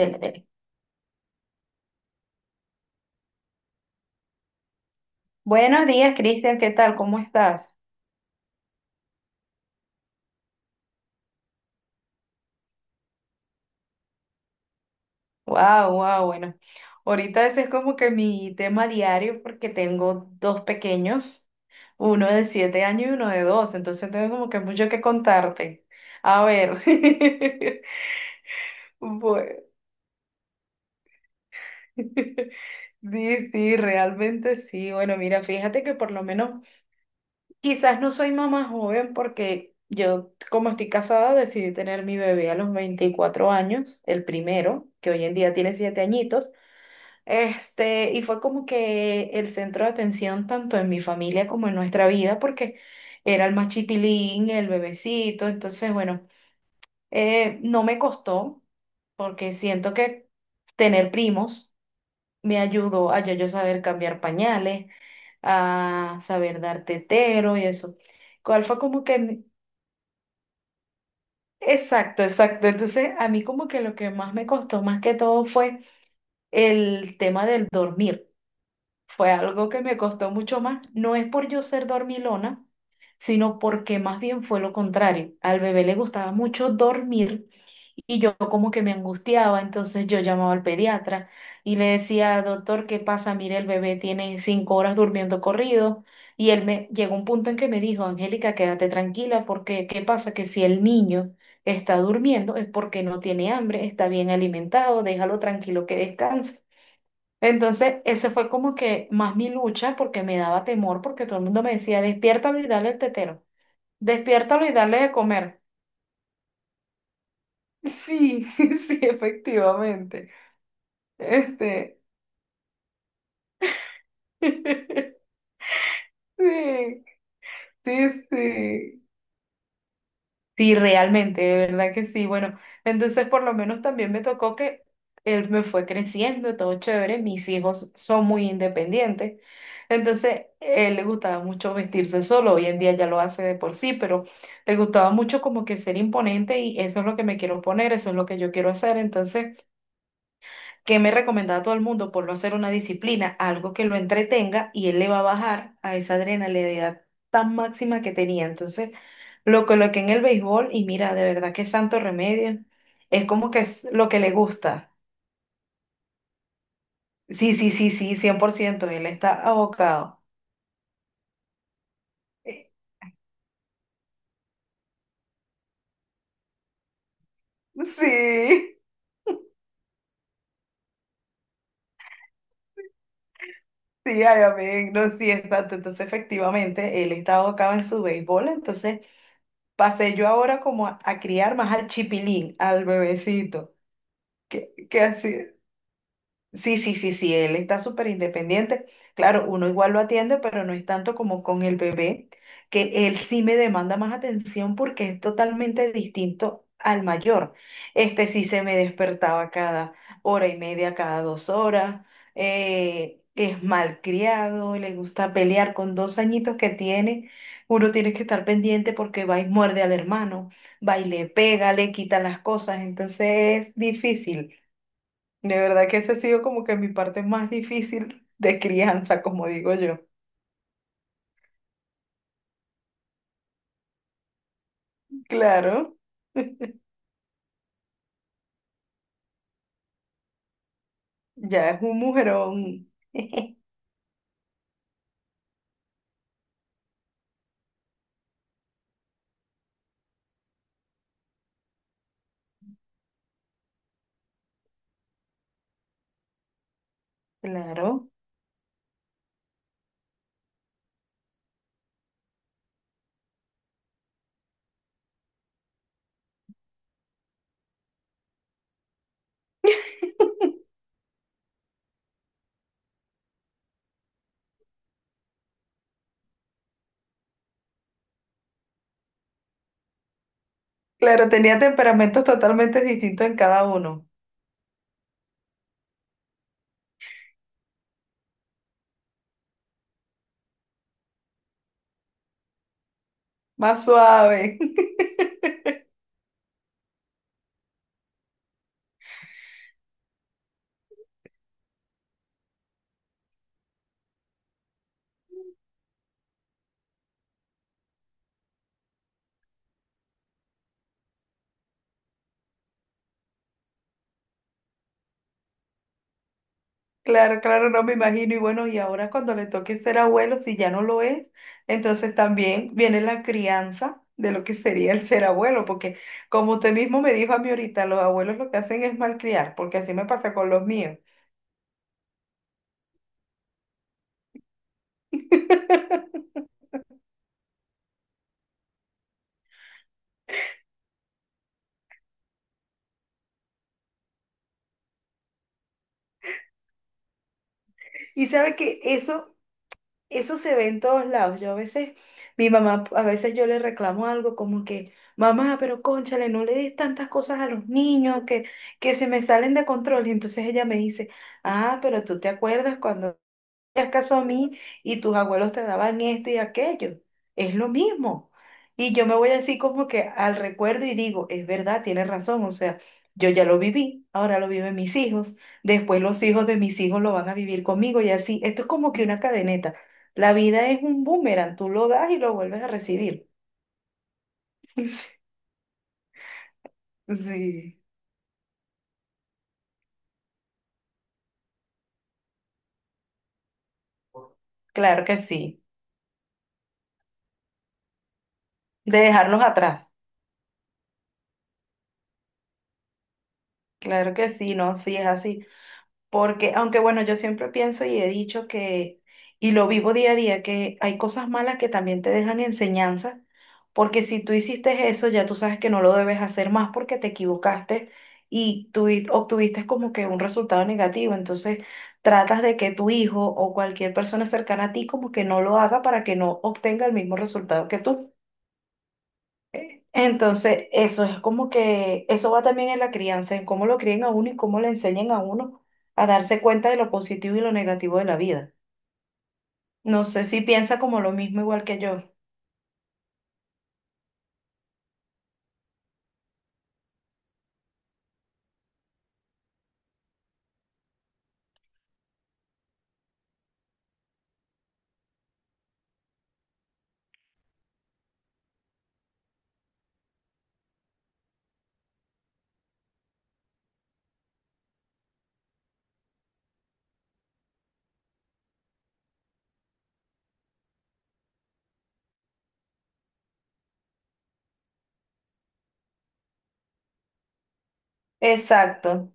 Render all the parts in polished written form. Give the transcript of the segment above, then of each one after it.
Del tele. Buenos días, Cristian, ¿qué tal? ¿Cómo estás? Wow, wow, bueno. Ahorita ese es como que mi tema diario porque tengo dos pequeños, uno de 7 años y uno de dos, entonces tengo como que mucho que contarte. A ver. Bueno. Sí, sí, realmente sí. Bueno, mira, fíjate que por lo menos, quizás no soy mamá joven porque yo, como estoy casada, decidí tener mi bebé a los 24 años, el primero, que hoy en día tiene 7 añitos. Y fue como que el centro de atención tanto en mi familia como en nuestra vida, porque era el más chiquilín, el bebecito. Entonces, bueno, no me costó, porque siento que tener primos me ayudó a ya yo saber cambiar pañales, a saber dar tetero y eso. ¿Cuál fue como que Exacto, exacto. Entonces, a mí como que lo que más me costó más que todo fue el tema del dormir. Fue algo que me costó mucho más. No es por yo ser dormilona, sino porque más bien fue lo contrario. Al bebé le gustaba mucho dormir. Y yo como que me angustiaba, entonces yo llamaba al pediatra y le decía, doctor, ¿qué pasa? Mire, el bebé tiene 5 horas durmiendo corrido. Y él me llegó un punto en que me dijo, Angélica, quédate tranquila porque ¿qué pasa? Que si el niño está durmiendo es porque no tiene hambre, está bien alimentado, déjalo tranquilo que descanse. Entonces, ese fue como que más mi lucha porque me daba temor porque todo el mundo me decía, despiértalo y dale el tetero, despiértalo y dale de comer. Sí, sí, efectivamente. Este, sí, sí, sí, sí, realmente, de verdad que sí. Bueno, entonces por lo menos también me tocó que él me fue creciendo, todo chévere, mis hijos son muy independientes. Entonces, él le gustaba mucho vestirse solo, hoy en día ya lo hace de por sí, pero le gustaba mucho como que ser imponente y eso es lo que me quiero poner, eso es lo que yo quiero hacer. Entonces, que me recomendaba a todo el mundo por no hacer una disciplina, algo que lo entretenga y él le va a bajar a esa adrenalina tan máxima que tenía. Entonces, lo coloqué en el béisbol y mira, de verdad que santo remedio. Es como que es lo que le gusta. Sí, sí, sí, sí, 100% él está abocado. Eh, Sí, sí, ay, amén, no, sí, exacto. Entonces, efectivamente, él está abocado en su béisbol, entonces pasé yo ahora como a criar más al chipilín, al bebecito, que así. Sí, sí, sí, sí, él está súper independiente. Claro, uno igual lo atiende, pero no es tanto como con el bebé, que él sí me demanda más atención porque es totalmente distinto al mayor. Este sí se me despertaba cada hora y media, cada 2 horas. Es malcriado, le gusta pelear con 2 añitos que tiene. Uno tiene que estar pendiente porque va y muerde al hermano, va y le pega, le quita las cosas, entonces es difícil. De verdad que esa ha sido como que mi parte más difícil de crianza, como digo yo. Claro, ya es un mujerón. Claro. Claro, tenía temperamentos totalmente distintos en cada uno. Más suave. Claro, claro, no me imagino. Y bueno, y ahora cuando le toque ser abuelo, si ya no lo es, entonces también viene la crianza de lo que sería el ser abuelo, porque como usted mismo me dijo a mí ahorita, los abuelos lo que hacen es malcriar, porque así me pasa con los míos. Y sabe que eso se ve en todos lados. Yo a veces, mi mamá, a veces yo le reclamo algo como que, mamá, pero cónchale, no le des tantas cosas a los niños que, se me salen de control. Y entonces ella me dice, ah, pero tú te acuerdas cuando hacías caso a mí y tus abuelos te daban esto y aquello. Es lo mismo. Y yo me voy así como que al recuerdo y digo, es verdad, tienes razón, o sea, yo ya lo viví, ahora lo viven mis hijos, después los hijos de mis hijos lo van a vivir conmigo y así. Esto es como que una cadeneta. La vida es un boomerang, tú lo das y lo vuelves a recibir. Sí, claro que sí. De dejarlos atrás, claro que sí, no, sí es así. Porque, aunque bueno, yo siempre pienso y he dicho que, y lo vivo día a día, que hay cosas malas que también te dejan enseñanza, porque si tú hiciste eso, ya tú sabes que no lo debes hacer más porque te equivocaste y tú obtuviste como que un resultado negativo. Entonces, tratas de que tu hijo o cualquier persona cercana a ti como que no lo haga para que no obtenga el mismo resultado que tú. Entonces, eso es como que, eso va también en la crianza, en cómo lo críen a uno y cómo le enseñen a uno a darse cuenta de lo positivo y lo negativo de la vida. No sé si piensa como lo mismo igual que yo. Exacto,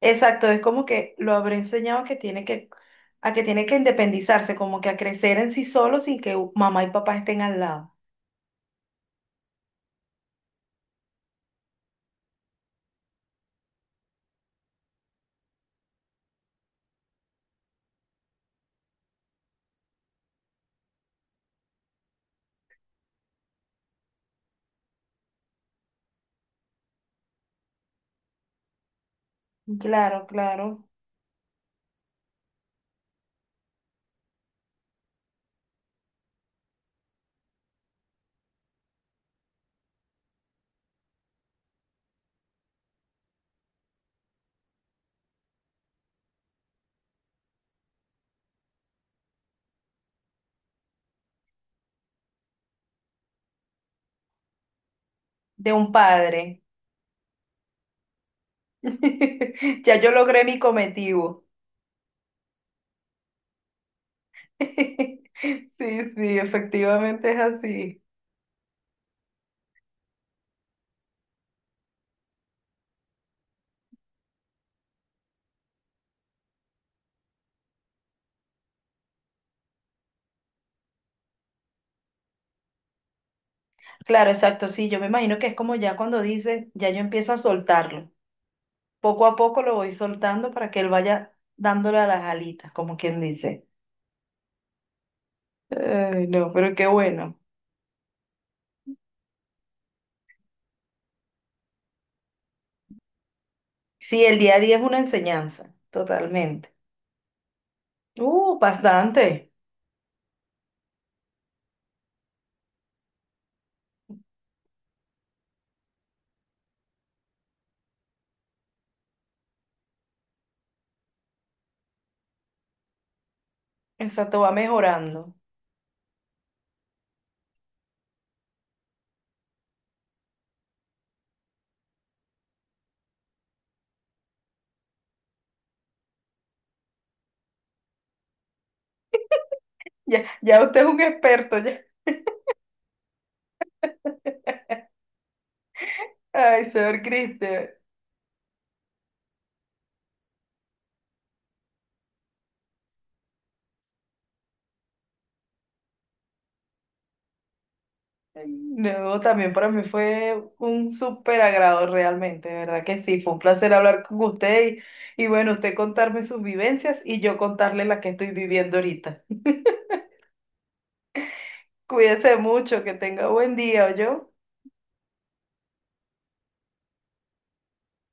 exacto. Es como que lo habré enseñado a que tiene que independizarse, como que a crecer en sí solo sin que mamá y papá estén al lado. Claro, claro. De un padre. Ya yo logré mi cometido. Sí, sí, efectivamente es así. Claro, exacto, sí, yo me imagino que es como ya cuando dice, ya yo empiezo a soltarlo. Poco a poco lo voy soltando para que él vaya dándole a las alitas, como quien dice. Ay, no, pero qué bueno. Sí, el día a día es una enseñanza, totalmente. Bastante. Exacto, va mejorando. Ya, ya usted es un experto, ya. Ay, señor Cristian. No, también para mí fue un súper agrado realmente, de ¿verdad que sí? Fue un placer hablar con usted y bueno, usted contarme sus vivencias y yo contarle la que estoy viviendo ahorita. Cuídese mucho, que tenga buen día, yo.